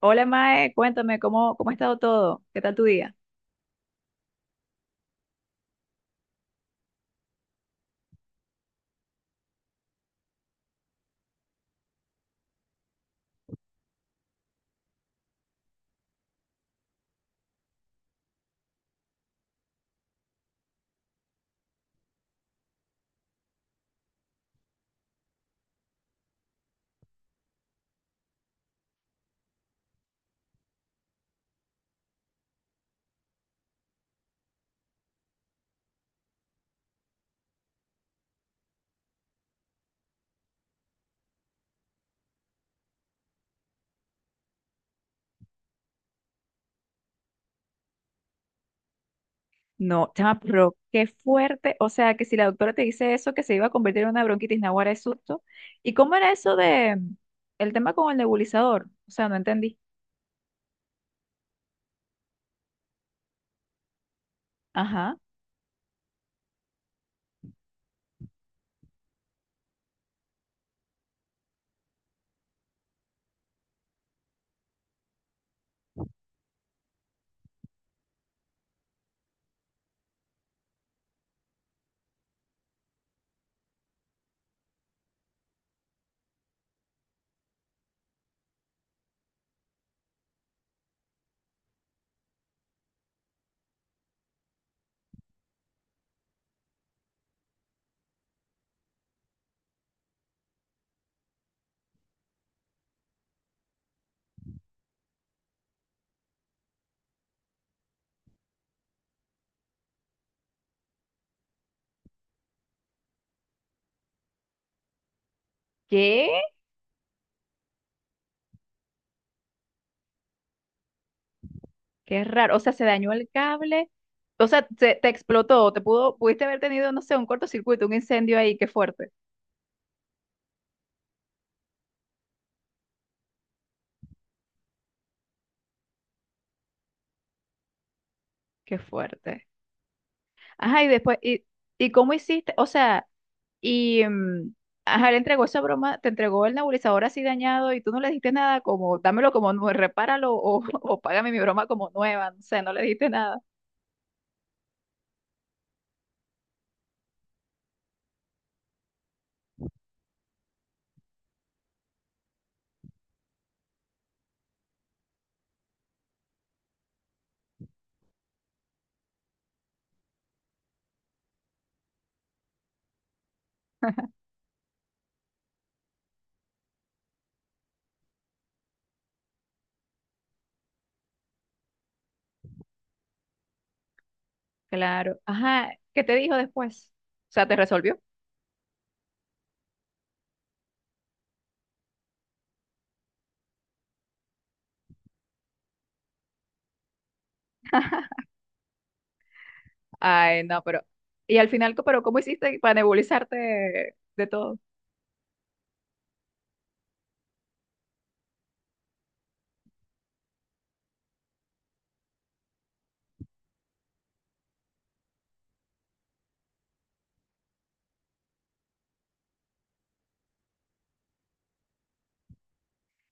Hola Mae, cuéntame, ¿cómo ha estado todo? ¿Qué tal tu día? No, chama, pero qué fuerte. O sea, que si la doctora te dice eso, que se iba a convertir en una bronquitis naguara de susto. ¿Y cómo era eso de el tema con el nebulizador? O sea, no entendí. Ajá. ¿Qué? Qué raro. O sea, se dañó el cable. O sea, te explotó. Pudiste haber tenido, no sé, un cortocircuito, un incendio ahí. Qué fuerte. Qué fuerte. Ajá, y después, ¿y cómo hiciste? O sea. Y ajá, le entregó esa broma, te entregó el nebulizador así dañado y tú no le dijiste nada, como dámelo como nuevo, repáralo o, o págame mi broma como nueva, no sé, no le dijiste nada. Claro, ajá, ¿qué te dijo después? O sea, ¿te resolvió? Ay, no, pero. Y al final, ¿pero cómo hiciste para nebulizarte de todo?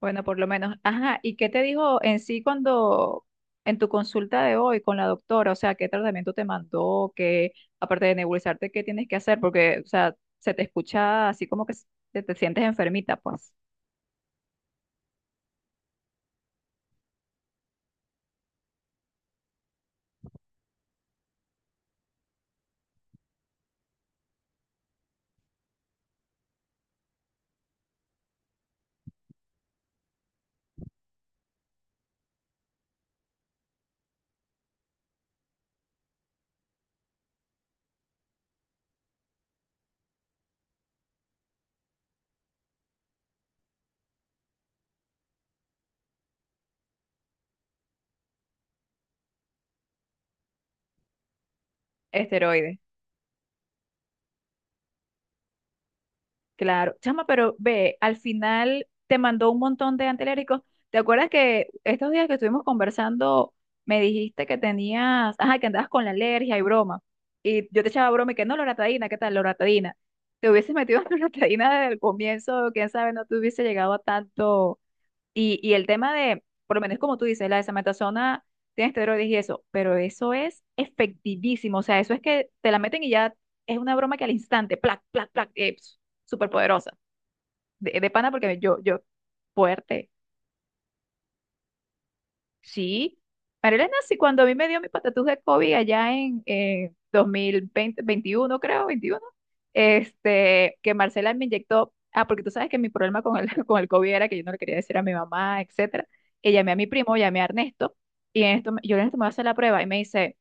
Bueno, por lo menos. Ajá, ¿y qué te dijo en sí cuando en tu consulta de hoy con la doctora? O sea, ¿qué tratamiento te mandó? ¿Qué, aparte de nebulizarte, qué tienes que hacer? Porque, o sea, se te escucha así como que te sientes enfermita, pues. Esteroides. Claro, chama, pero ve, al final te mandó un montón de antialérgicos. ¿Te acuerdas que estos días que estuvimos conversando me dijiste que tenías, ajá, que andabas con la alergia y broma? Y yo te echaba broma y que no, loratadina, ¿qué tal, loratadina? Te hubieses metido en loratadina desde el comienzo, quién sabe, no te hubiese llegado a tanto y el tema de, por lo menos como tú dices, la desametasona tiene esteroides y eso, pero eso es efectivísimo. O sea, eso es que te la meten y ya es una broma que al instante, plac, plac, plac, súper poderosa. De pana porque fuerte. Sí, Marilena, sí, cuando a mí me dio mi patatús de COVID allá en 2021, creo, 21, que Marcela me inyectó, ah, porque tú sabes que mi problema con el, con el COVID era que yo no le quería decir a mi mamá, etcétera, que llamé a mi primo, llamé a Ernesto, y Ernesto, yo Ernesto me voy a hacer la prueba, y me dice,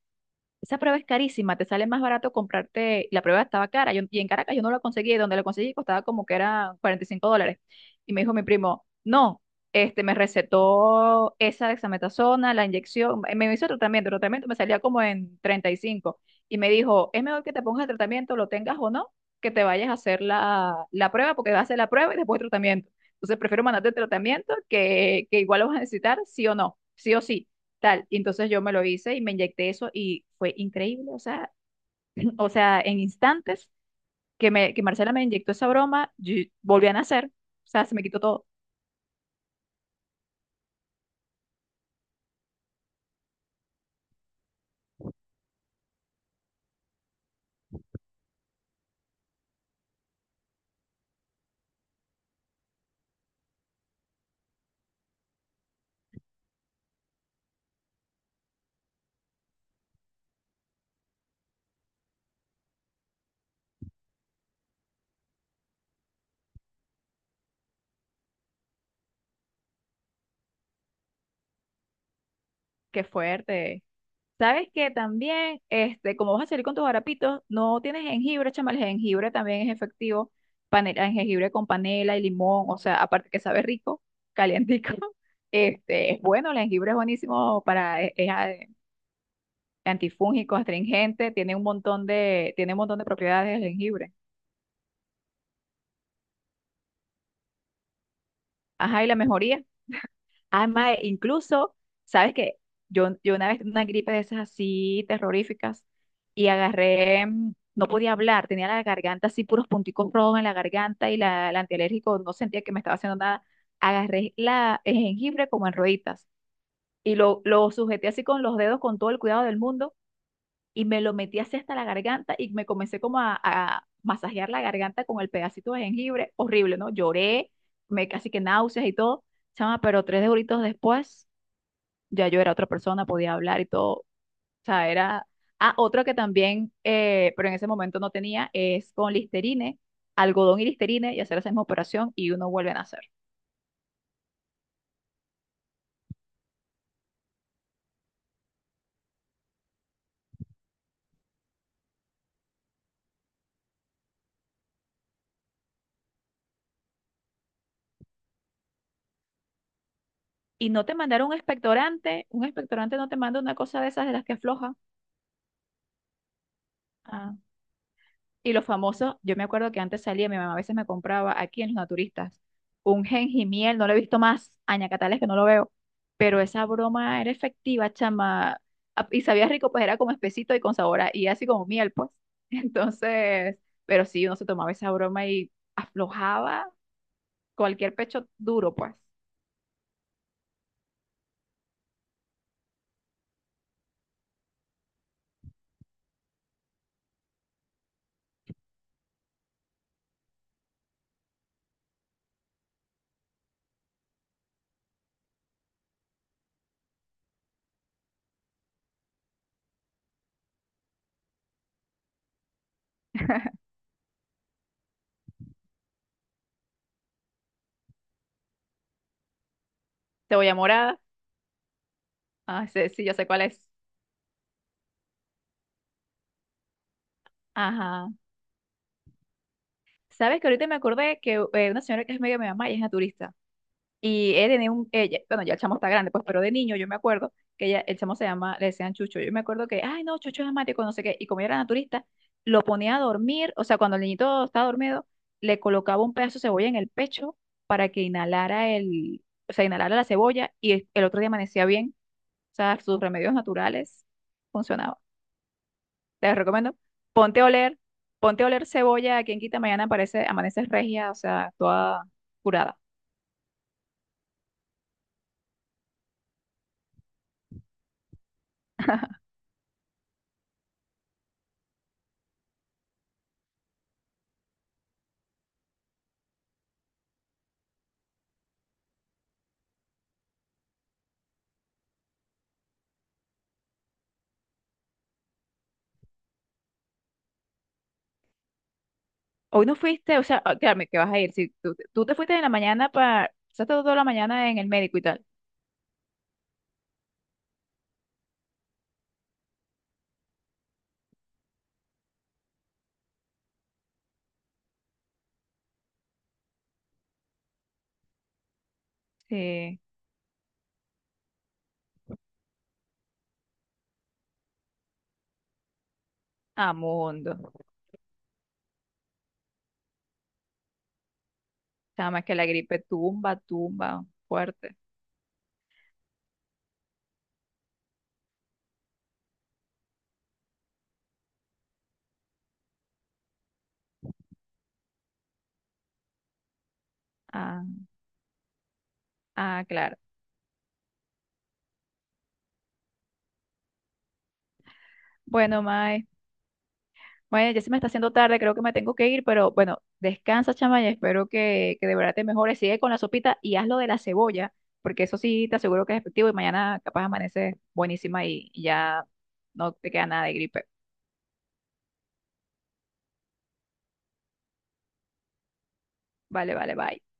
esa prueba es carísima, te sale más barato comprarte, la prueba estaba cara, yo, y en Caracas yo no la conseguí, donde la conseguí costaba como que era $45. Y me dijo mi primo, no, me recetó esa dexametasona, la inyección, me hizo tratamiento, el tratamiento me salía como en 35 y me dijo, es mejor que te pongas el tratamiento, lo tengas o no, que te vayas a hacer la, la prueba, porque vas a hacer la prueba y después el tratamiento. Entonces prefiero mandarte el tratamiento, que igual lo vas a necesitar, sí o no, sí o sí tal. Y entonces yo me lo hice y me inyecté eso y fue increíble, o sea, o sea, en instantes que Marcela me inyectó esa broma, yo volví a nacer, o sea, se me quitó todo. Qué fuerte. Sabes que también, este, como vas a salir con tus harapitos, no tienes jengibre, chama, el jengibre también es efectivo, panela, jengibre con panela y limón, o sea, aparte que sabe rico, calientico, este, es bueno, el jengibre es buenísimo para, es antifúngico, astringente, tiene un montón de propiedades el jengibre. Ajá, y la mejoría. Además, incluso, ¿sabes qué? Yo una vez tuve una gripe de esas así terroríficas y agarré, no podía hablar, tenía la garganta así, puros punticos rojos en la garganta y la, el antialérgico no sentía que me estaba haciendo nada. Agarré la, el jengibre como en rueditas y lo sujeté así con los dedos con todo el cuidado del mundo y me lo metí así hasta la garganta y me comencé como a masajear la garganta con el pedacito de jengibre, horrible, ¿no? Lloré, me casi que náuseas y todo, chama, pero tres horitos después ya yo era otra persona, podía hablar y todo, o sea, era... Ah, otro que también, pero en ese momento no tenía, es con Listerine, algodón y Listerine y hacer esa misma operación y uno vuelve a nacer. Y no te mandaron un expectorante no te manda una cosa de esas de las que afloja. Ah, Y los famosos, yo me acuerdo que antes salía, mi mamá a veces me compraba aquí en los naturistas un miel, no lo he visto más, añacatales que no lo veo, pero esa broma era efectiva, chama, y sabía rico, pues era como espesito y con sabor, y así como miel, pues. Entonces, pero sí, uno se tomaba esa broma y aflojaba cualquier pecho duro, pues. Cebolla morada, ah, sí, sí, yo sé cuál es. Ajá. ¿Sabes que ahorita me acordé que una señora que es medio mi mamá y es naturista? Y él tenía un, ella, bueno, ya el chamo está grande, pues, pero de niño yo me acuerdo que ella, el chamo se llama, le decían Chucho. Yo me acuerdo que, ay, no, Chucho es asmático, no sé qué. Y como yo era naturista, lo ponía a dormir, o sea, cuando el niñito estaba dormido, le colocaba un pedazo de cebolla en el pecho para que inhalara el, o sea, inhalara la cebolla y el otro día amanecía bien. O sea, sus remedios naturales funcionaban. Te recomiendo, ponte a oler, ponte a oler cebolla, quien quita mañana aparece, amaneces regia, o sea, toda curada. Hoy no fuiste, o sea, ah, créame que vas a ir. Si tú te fuiste en la mañana para. Pasaste toda la mañana en el médico y tal. Sí. Ah, mundo. Nada más que la gripe tumba, tumba, fuerte. Ah, ah, claro. Bueno, Mae. Bueno, ya se me está haciendo tarde, creo que me tengo que ir, pero bueno, descansa, chama, y espero que de verdad te mejores. Sigue con la sopita y haz lo de la cebolla, porque eso sí te aseguro que es efectivo y mañana capaz amaneces buenísima y ya no te queda nada de gripe. Vale, vale, bye.